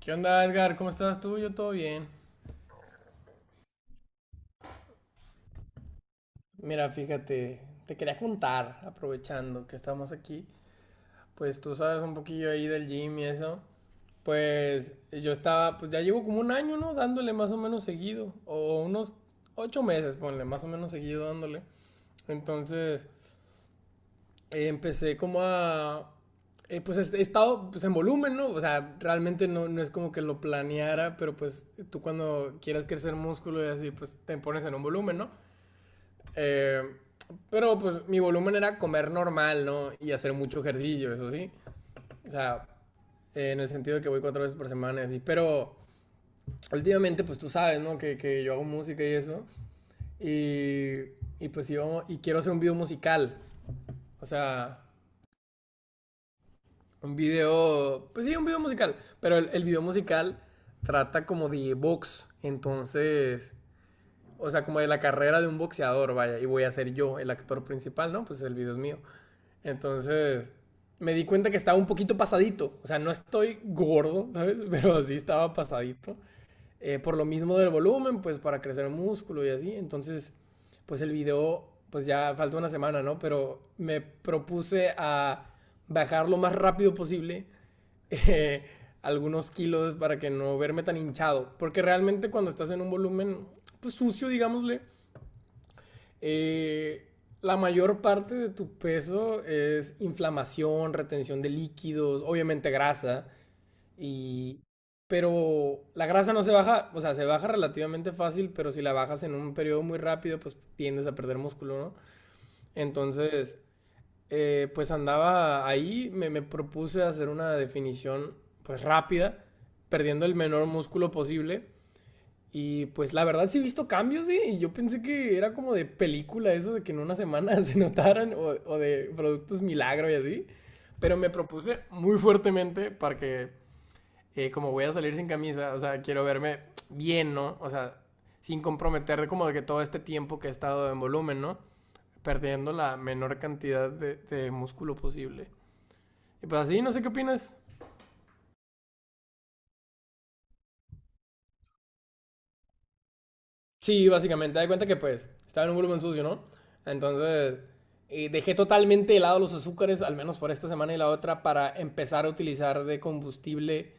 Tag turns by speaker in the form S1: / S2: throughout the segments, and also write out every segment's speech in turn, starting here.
S1: ¿Qué onda, Edgar? ¿Cómo estás tú? Yo todo bien. Mira, fíjate, te quería contar, aprovechando que estamos aquí, pues tú sabes un poquillo ahí del gym y eso. Pues yo estaba, pues ya llevo como un año, ¿no? Dándole más o menos seguido, o unos 8 meses, ponle, más o menos seguido dándole. Entonces, empecé como a, pues he estado pues, en volumen, ¿no? O sea, realmente no es como que lo planeara, pero pues tú cuando quieras crecer músculo y así, pues te pones en un volumen, ¿no? Eh, pero pues mi volumen era comer normal, ¿no? Y hacer mucho ejercicio, eso sí. O sea, en el sentido de que voy 4 veces por semana, y así. Pero últimamente, pues tú sabes, ¿no? Que yo hago música y eso. Y pues yo, y quiero hacer un video musical. O sea, un video, pues sí, un video musical. Pero el video musical trata como de box. Entonces, o sea, como de la carrera de un boxeador, vaya. Y voy a ser yo el actor principal, ¿no? Pues el video es mío. Entonces, me di cuenta que estaba un poquito pasadito. O sea, no estoy gordo, ¿sabes? Pero sí estaba pasadito. Por lo mismo del volumen, pues para crecer el músculo y así. Entonces, pues el video, pues ya falta una semana, ¿no? Pero me propuse a bajar lo más rápido posible eh, algunos kilos para que no verme tan hinchado. Porque realmente cuando estás en un volumen, pues sucio, digámosle, eh, la mayor parte de tu peso es inflamación, retención de líquidos, obviamente grasa, y... pero la grasa no se baja, o sea, se baja relativamente fácil, pero si la bajas en un periodo muy rápido, pues tiendes a perder músculo, ¿no? Entonces, pues andaba ahí, me propuse hacer una definición, pues rápida, perdiendo el menor músculo posible, y pues la verdad sí he visto cambios, ¿sí? Y yo pensé que era como de película eso, de que en una semana se notaran, o de productos milagro y así. Pero me propuse muy fuertemente para que, como voy a salir sin camisa, o sea, quiero verme bien, ¿no? O sea, sin comprometer como de que todo este tiempo que he estado en volumen, ¿no? Perdiendo la menor cantidad de músculo posible. Y pues así, no sé qué opinas. Sí, básicamente, da cuenta que pues estaba en un volumen sucio, ¿no? Entonces dejé totalmente de lado los azúcares, al menos por esta semana y la otra, para empezar a utilizar de combustible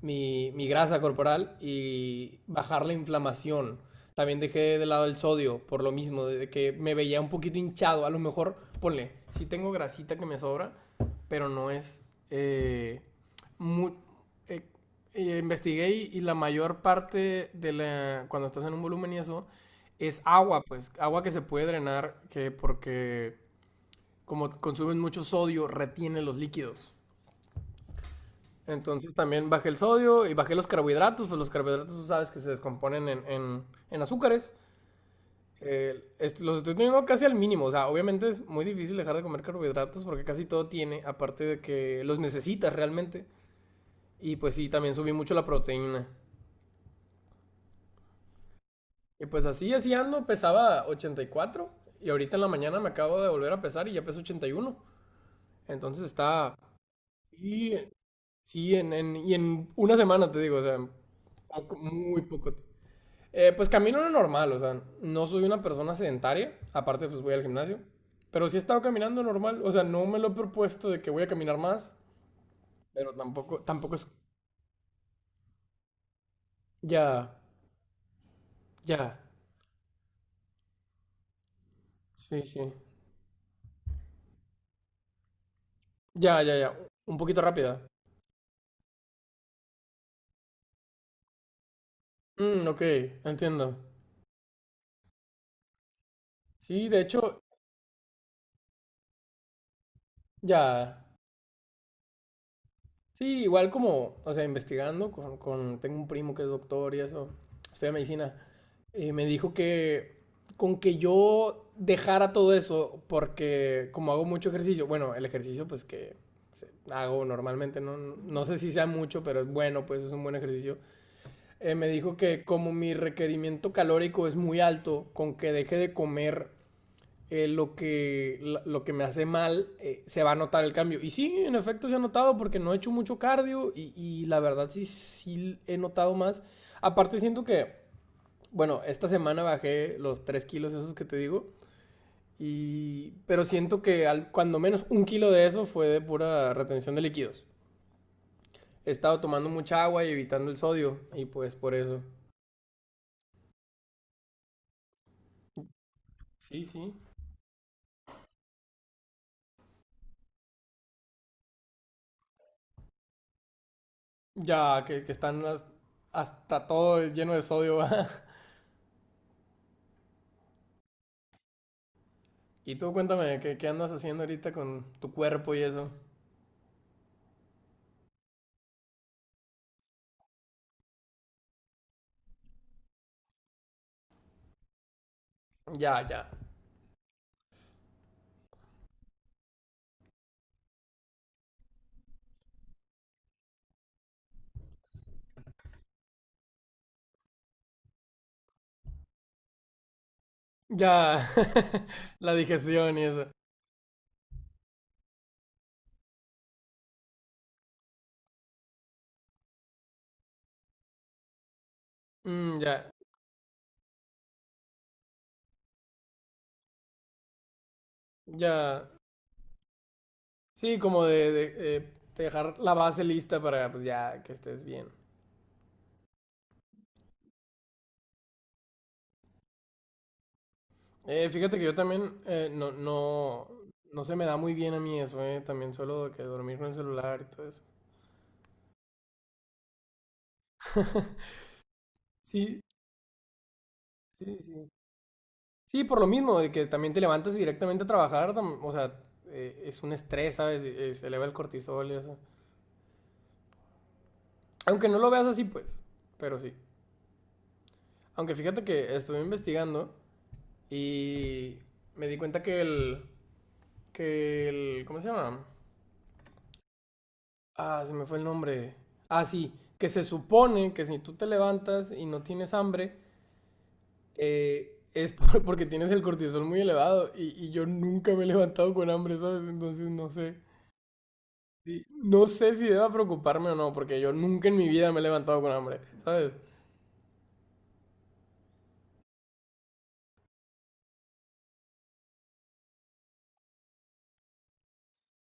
S1: mi grasa corporal y bajar la inflamación. También dejé de lado el sodio por lo mismo, de que me veía un poquito hinchado. A lo mejor, ponle, si tengo grasita que me sobra, pero no es... eh, mu- eh, investigué y la mayor parte de la... cuando estás en un volumen y eso, es agua, pues, agua que se puede drenar, que porque como consumen mucho sodio, retiene los líquidos. Entonces también bajé el sodio y bajé los carbohidratos, pues los carbohidratos tú sabes que se descomponen en, en azúcares. Los estoy teniendo casi al mínimo, o sea, obviamente es muy difícil dejar de comer carbohidratos porque casi todo tiene, aparte de que los necesitas realmente. Y pues sí, también subí mucho la proteína. Y pues así, así ando, pesaba 84 y ahorita en la mañana me acabo de volver a pesar y ya peso 81. Entonces está... Y sí, en, y en una semana te digo, o sea, muy poco. Pues camino lo normal, o sea, no soy una persona sedentaria, aparte pues voy al gimnasio, pero sí he estado caminando normal, o sea, no me lo he propuesto de que voy a caminar más, pero tampoco, tampoco es... Ya, ya, sí, sí. Ya, ya, ya, un poquito rápida. Mm, ok, entiendo. Sí, de hecho, ya. Sí, igual como, o sea, investigando con, tengo un primo que es doctor y eso, estudia medicina. Y me dijo que con que yo dejara todo eso, porque como hago mucho ejercicio, bueno, el ejercicio pues que hago normalmente, no, no sé si sea mucho, pero es bueno, pues es un buen ejercicio. Me dijo que como mi requerimiento calórico es muy alto, con que deje de comer eh, lo, que, lo que me hace mal, se va a notar el cambio. Y sí, en efecto se ha notado porque no he hecho mucho cardio y la verdad sí, sí he notado más. Aparte siento que, bueno, esta semana bajé los 3 kilos esos que te digo. Y... Pero siento que al... cuando menos 1 kilo de eso fue de pura retención de líquidos. He estado tomando mucha agua y evitando el sodio. Y pues por eso. Sí, sí. Ya que están las... hasta todo lleno de sodio. ¿Va? Y tú cuéntame, ¿qué andas haciendo ahorita con tu cuerpo y eso? Ya, ya. Ya. La digestión y eso. Mm, ya, ya. Sí, como de dejar la base lista para pues ya que estés bien. Fíjate que yo también no se me da muy bien a mí eso, eh. También suelo que dormir con el celular y todo eso. Sí, sí, sí. Sí, por lo mismo, de que también te levantas y directamente a trabajar, o sea, es un estrés, ¿sabes? Y se eleva el cortisol y eso. Aunque no lo veas así, pues, pero sí. Aunque fíjate que estuve investigando y me di cuenta que el, ¿cómo se llama? Ah, se me fue el nombre. Ah, sí, que se supone que si tú te levantas y no tienes hambre, es porque tienes el cortisol muy elevado y yo nunca me he levantado con hambre, ¿sabes? Entonces no sé. Sí, no sé si deba preocuparme o no, porque yo nunca en mi vida me he levantado con hambre, ¿sabes?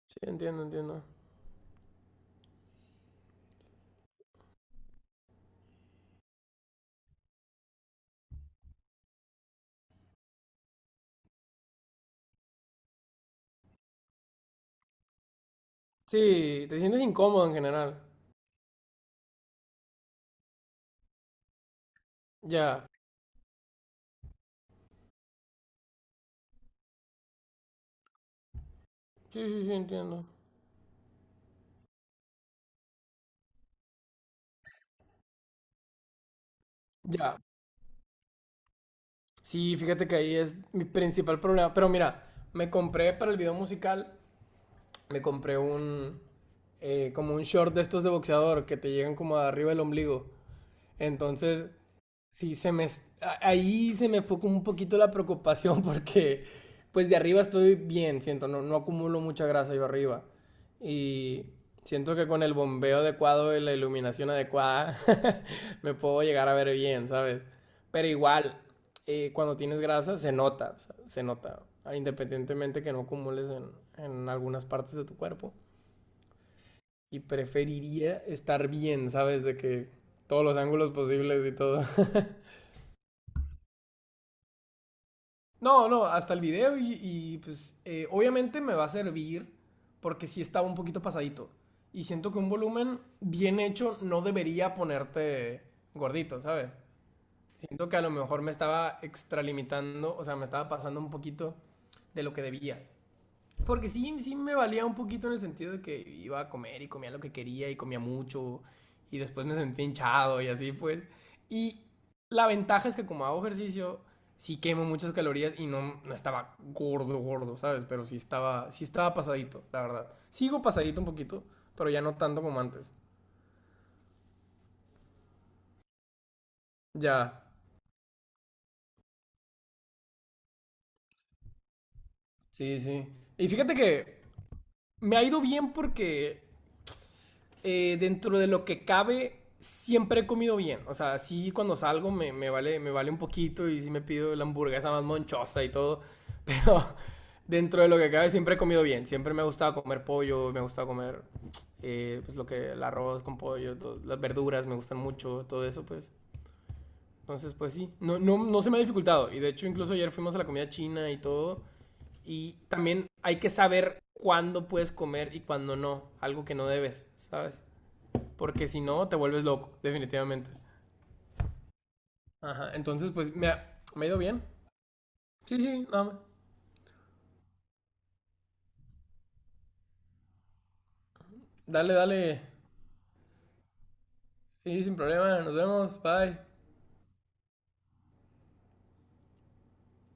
S1: Sí, entiendo, entiendo. Sí, te sientes incómodo en general. Ya. Sí, sí, sí, entiendo. Ya. Sí, fíjate que ahí es mi principal problema. Pero mira, me compré para el video musical, me compré un como un short de estos de boxeador que te llegan como arriba del ombligo. Entonces, sí se me, ahí se me fue como un poquito la preocupación porque pues de arriba estoy bien, siento, no acumulo mucha grasa yo arriba. Y siento que con el bombeo adecuado y la iluminación adecuada me puedo llegar a ver bien, ¿sabes? Pero igual, cuando tienes grasa se nota, o sea, se nota, independientemente que no acumules en algunas partes de tu cuerpo, y preferiría estar bien, ¿sabes? De que todos los ángulos posibles y todo. No, no, hasta el video, y pues obviamente me va a servir porque sí estaba un poquito pasadito. Y siento que un volumen bien hecho no debería ponerte gordito, ¿sabes? Siento que a lo mejor me estaba extralimitando, o sea, me estaba pasando un poquito de lo que debía. Porque sí, sí me valía un poquito en el sentido de que iba a comer y comía lo que quería y comía mucho, y después me sentía hinchado y así pues. Y la ventaja es que como hago ejercicio, sí quemo muchas calorías y no, no estaba gordo, gordo, ¿sabes? Pero sí estaba pasadito, la verdad. Sigo pasadito un poquito, pero ya no tanto como antes. Ya, sí, sí. Y fíjate que me ha ido bien porque dentro de lo que cabe, siempre he comido bien. O sea, sí cuando salgo me vale un poquito, y sí me pido la hamburguesa más monchosa y todo. Pero dentro de lo que cabe siempre he comido bien. Siempre me ha gustado comer pollo, me ha gustado comer pues el arroz con pollo, las verduras me gustan mucho, todo eso pues. Entonces pues sí, no se me ha dificultado. Y de hecho incluso ayer fuimos a la comida china y todo. Y también hay que saber cuándo puedes comer y cuándo no. Algo que no debes, ¿sabes? Porque si no, te vuelves loco, definitivamente. Ajá, entonces pues me ha ido bien. Sí, sí, nada más. Dale, dale. Sí, sin problema. Nos vemos. Bye.